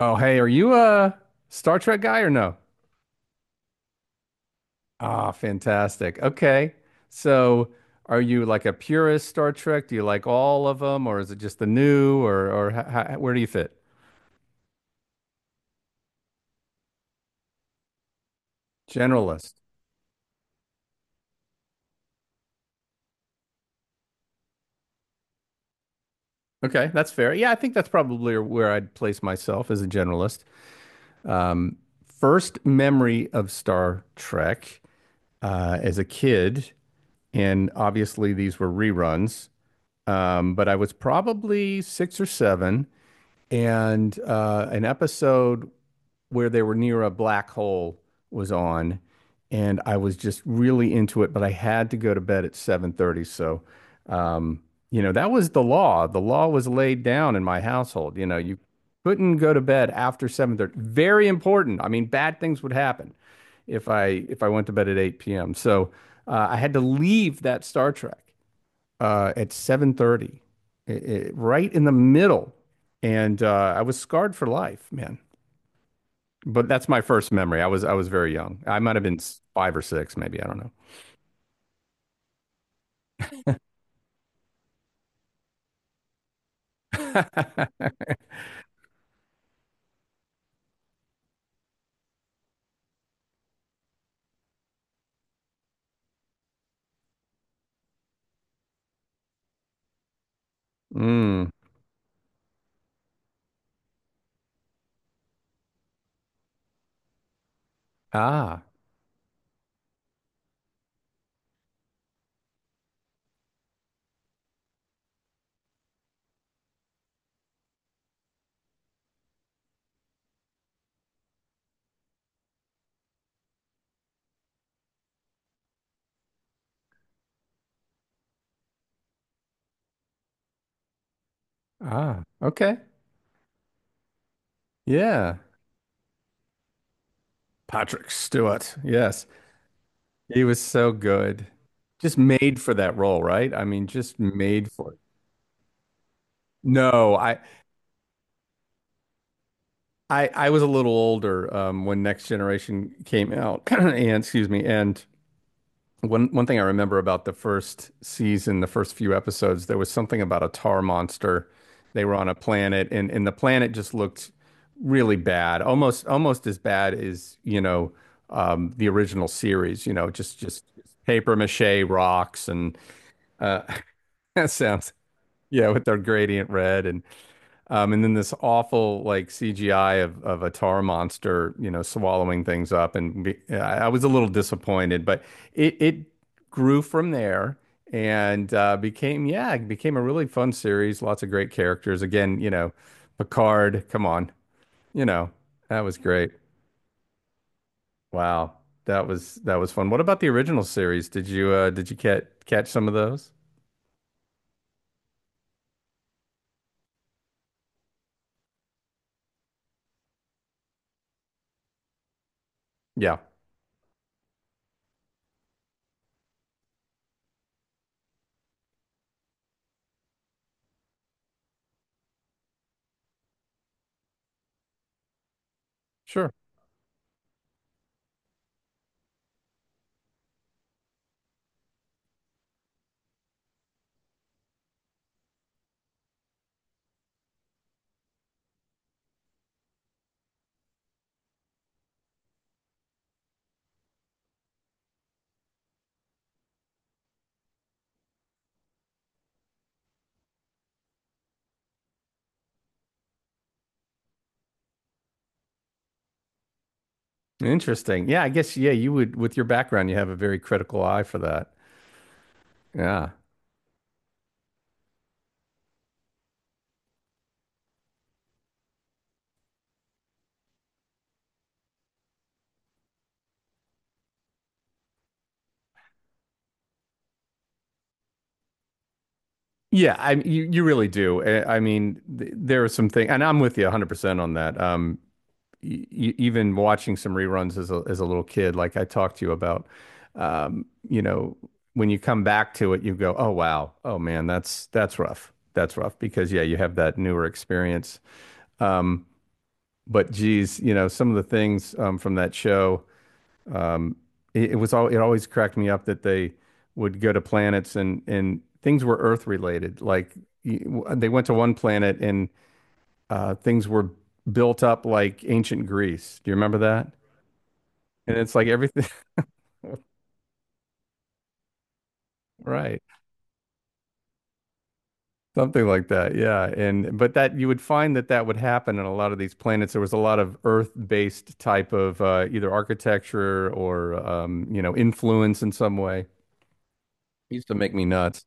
Oh, hey, are you a Star Trek guy or no? Ah, fantastic. Okay. So, are you like a purist Star Trek? Do you like all of them or is it just the new or how, where do you fit? Generalist. Okay, that's fair. Yeah, I think that's probably where I'd place myself as a generalist. Um, First memory of Star Trek as a kid, and obviously these were reruns, but I was probably six or seven. And an episode where they were near a black hole was on, and I was just really into it, but I had to go to bed at 7:30, so um, you know, that was the law. The law was laid down in my household. You know, you couldn't go to bed after 7:30. Very important. I mean, bad things would happen if I went to bed at 8 p.m. So I had to leave that Star Trek at 7:30, right in the middle, and I was scarred for life, man. But that's my first memory. I was very young. I might have been five or six, maybe. I don't know. Mm. Ah, ah, okay. Yeah. Patrick Stewart. Yes. He was so good. Just made for that role, right? I mean, just made for it. No, I was a little older when Next Generation came out, and excuse me, and one thing I remember about the first season, the first few episodes, there was something about a tar monster. They were on a planet and the planet just looked really bad. Almost as bad as, you know, the original series, you know, just paper mache rocks and uh sounds yeah, with their gradient red and then this awful like CGI of a tar monster, you know, swallowing things up, and I was a little disappointed, but it grew from there and became yeah, it became a really fun series. Lots of great characters. Again, you know, Picard, come on, you know, that was great. Wow, that was fun. What about the original series? Did you catch some of those? Yeah, sure. Interesting. Yeah, I guess yeah, you would with your background, you have a very critical eye for that. Yeah. Yeah, you really do. I mean, th there are some things, and I'm with you 100% on that. Even watching some reruns as a little kid, like I talked to you about, you know, when you come back to it, you go, "Oh wow, oh man, that's rough. That's rough." Because yeah, you have that newer experience. Um, but geez, you know, some of the things from that show. Um, it was all it always cracked me up that they would go to planets and things were Earth related. Like they went to one planet and things were built up like ancient Greece. Do you remember that? And it's like everything, right? Something like that. Yeah. And but that you would find that that would happen in a lot of these planets. There was a lot of Earth-based type of either architecture or you know influence in some way. It used to make me nuts.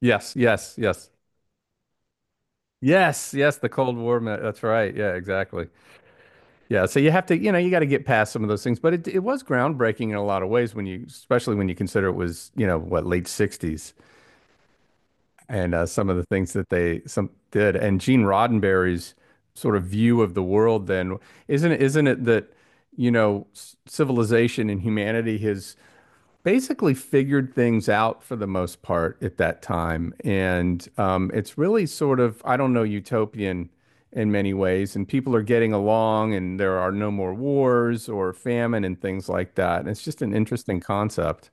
Yes. Yes. Yes. Yes, yes, the Cold War. That's right. Yeah, exactly. Yeah, so you have to, you know, you got to get past some of those things, but it was groundbreaking in a lot of ways when you, especially when you consider it was, you know, what, late 60s and some of the things that they some did and Gene Roddenberry's sort of view of the world then isn't it that, you know, civilization and humanity has basically figured things out for the most part at that time. And it's really sort of, I don't know, utopian in many ways. And people are getting along and there are no more wars or famine and things like that. And it's just an interesting concept.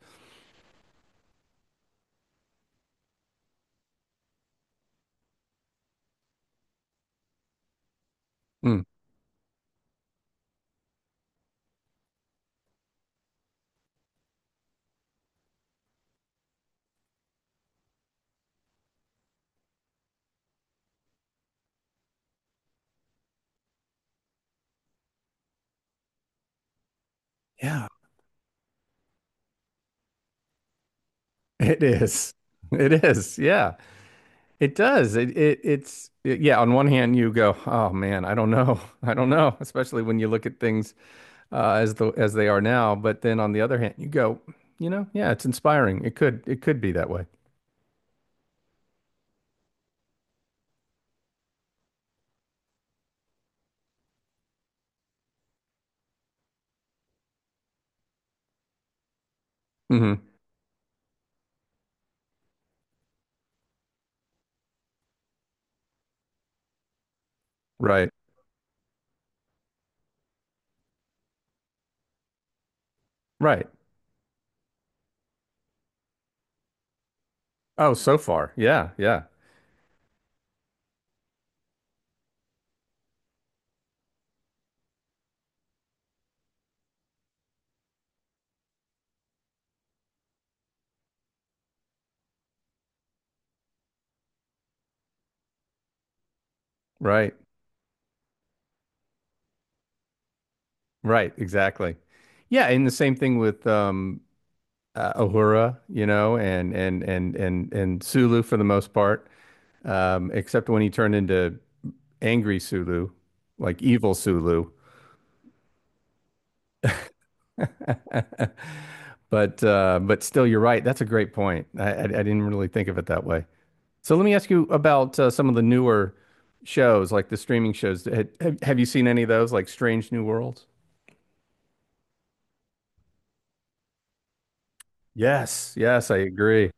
Mm. Yeah, it is. It is. Yeah, it does. Yeah, on one hand you go, "Oh man, I don't know. I don't know," especially when you look at things as the as they are now. But then on the other hand, you go, you know, yeah, it's inspiring. It could be that way. Hmm. Right. Right. Oh, so far. Yeah. Yeah. Right. Right. Exactly. Yeah. And the same thing with Uhura, you know, and Sulu for the most part. Except when he turned into angry Sulu, like evil Sulu. But still, you're right. That's a great point. I didn't really think of it that way. So let me ask you about some of the newer shows, like the streaming shows. Have you seen any of those, like Strange New Worlds? Yes, yes, I agree.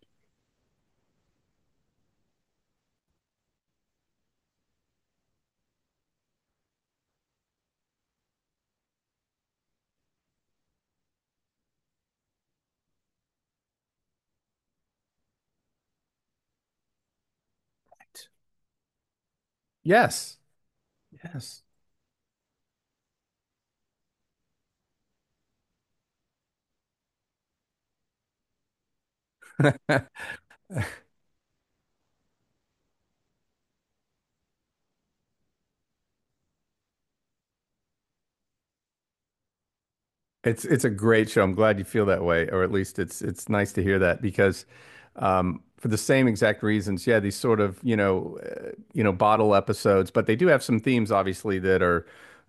Yes, yes. It's a great show. I'm glad you feel that way, or at least it's nice to hear that because for the same exact reasons, yeah, these sort of you know bottle episodes, but they do have some themes obviously that are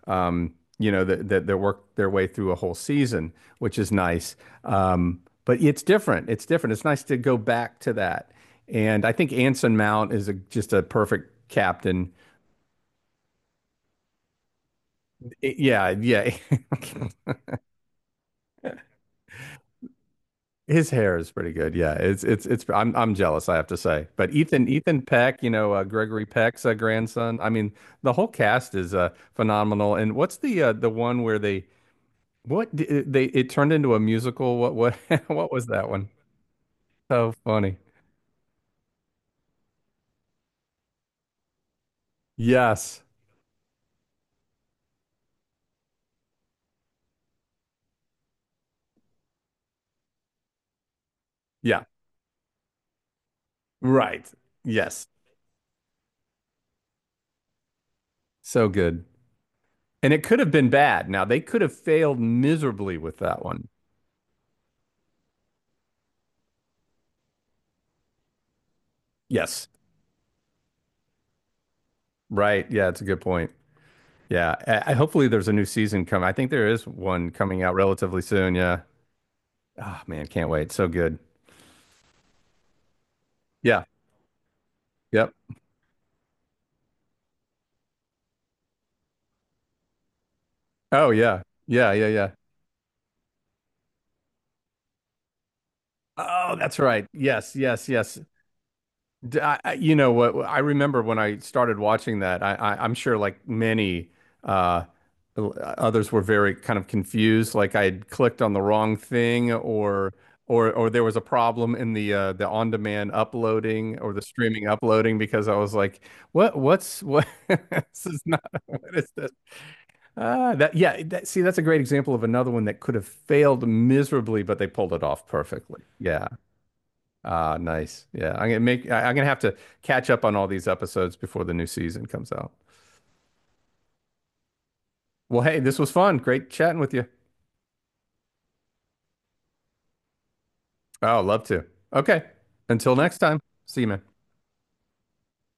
you know that work their way through a whole season, which is nice. But it's different. It's different. It's nice to go back to that. And I think Anson Mount is a, just a perfect captain. Yeah, yeah. His hair is pretty good. Yeah, it's it's. I'm jealous, I have to say. But Ethan Peck, you know, Gregory Peck's grandson. I mean, the whole cast is phenomenal. And what's the one where they what d- they it turned into a musical? What what was that one? So funny. Yes. Yeah. Right. Yes. So good. And it could have been bad. Now they could have failed miserably with that one. Yes. Right. Yeah, it's a good point. Yeah, hopefully there's a new season coming. I think there is one coming out relatively soon. Yeah. Oh man, can't wait. So good. Yeah. Yep. Oh yeah. Yeah. Yeah. Yeah. Oh, that's right. Yes. Yes. Yes. You know what? I remember when I started watching that. I'm sure like many uh, others were very kind of confused. Like I had clicked on the wrong thing, or there was a problem in the on-demand uploading or the streaming uploading because I was like, what? This is not what is this? That yeah. That, see, that's a great example of another one that could have failed miserably, but they pulled it off perfectly. Yeah. Ah, nice. I'm gonna have to catch up on all these episodes before the new season comes out. Well, hey, this was fun. Great chatting with you. Oh, love to. Okay. Until next time. See you, man.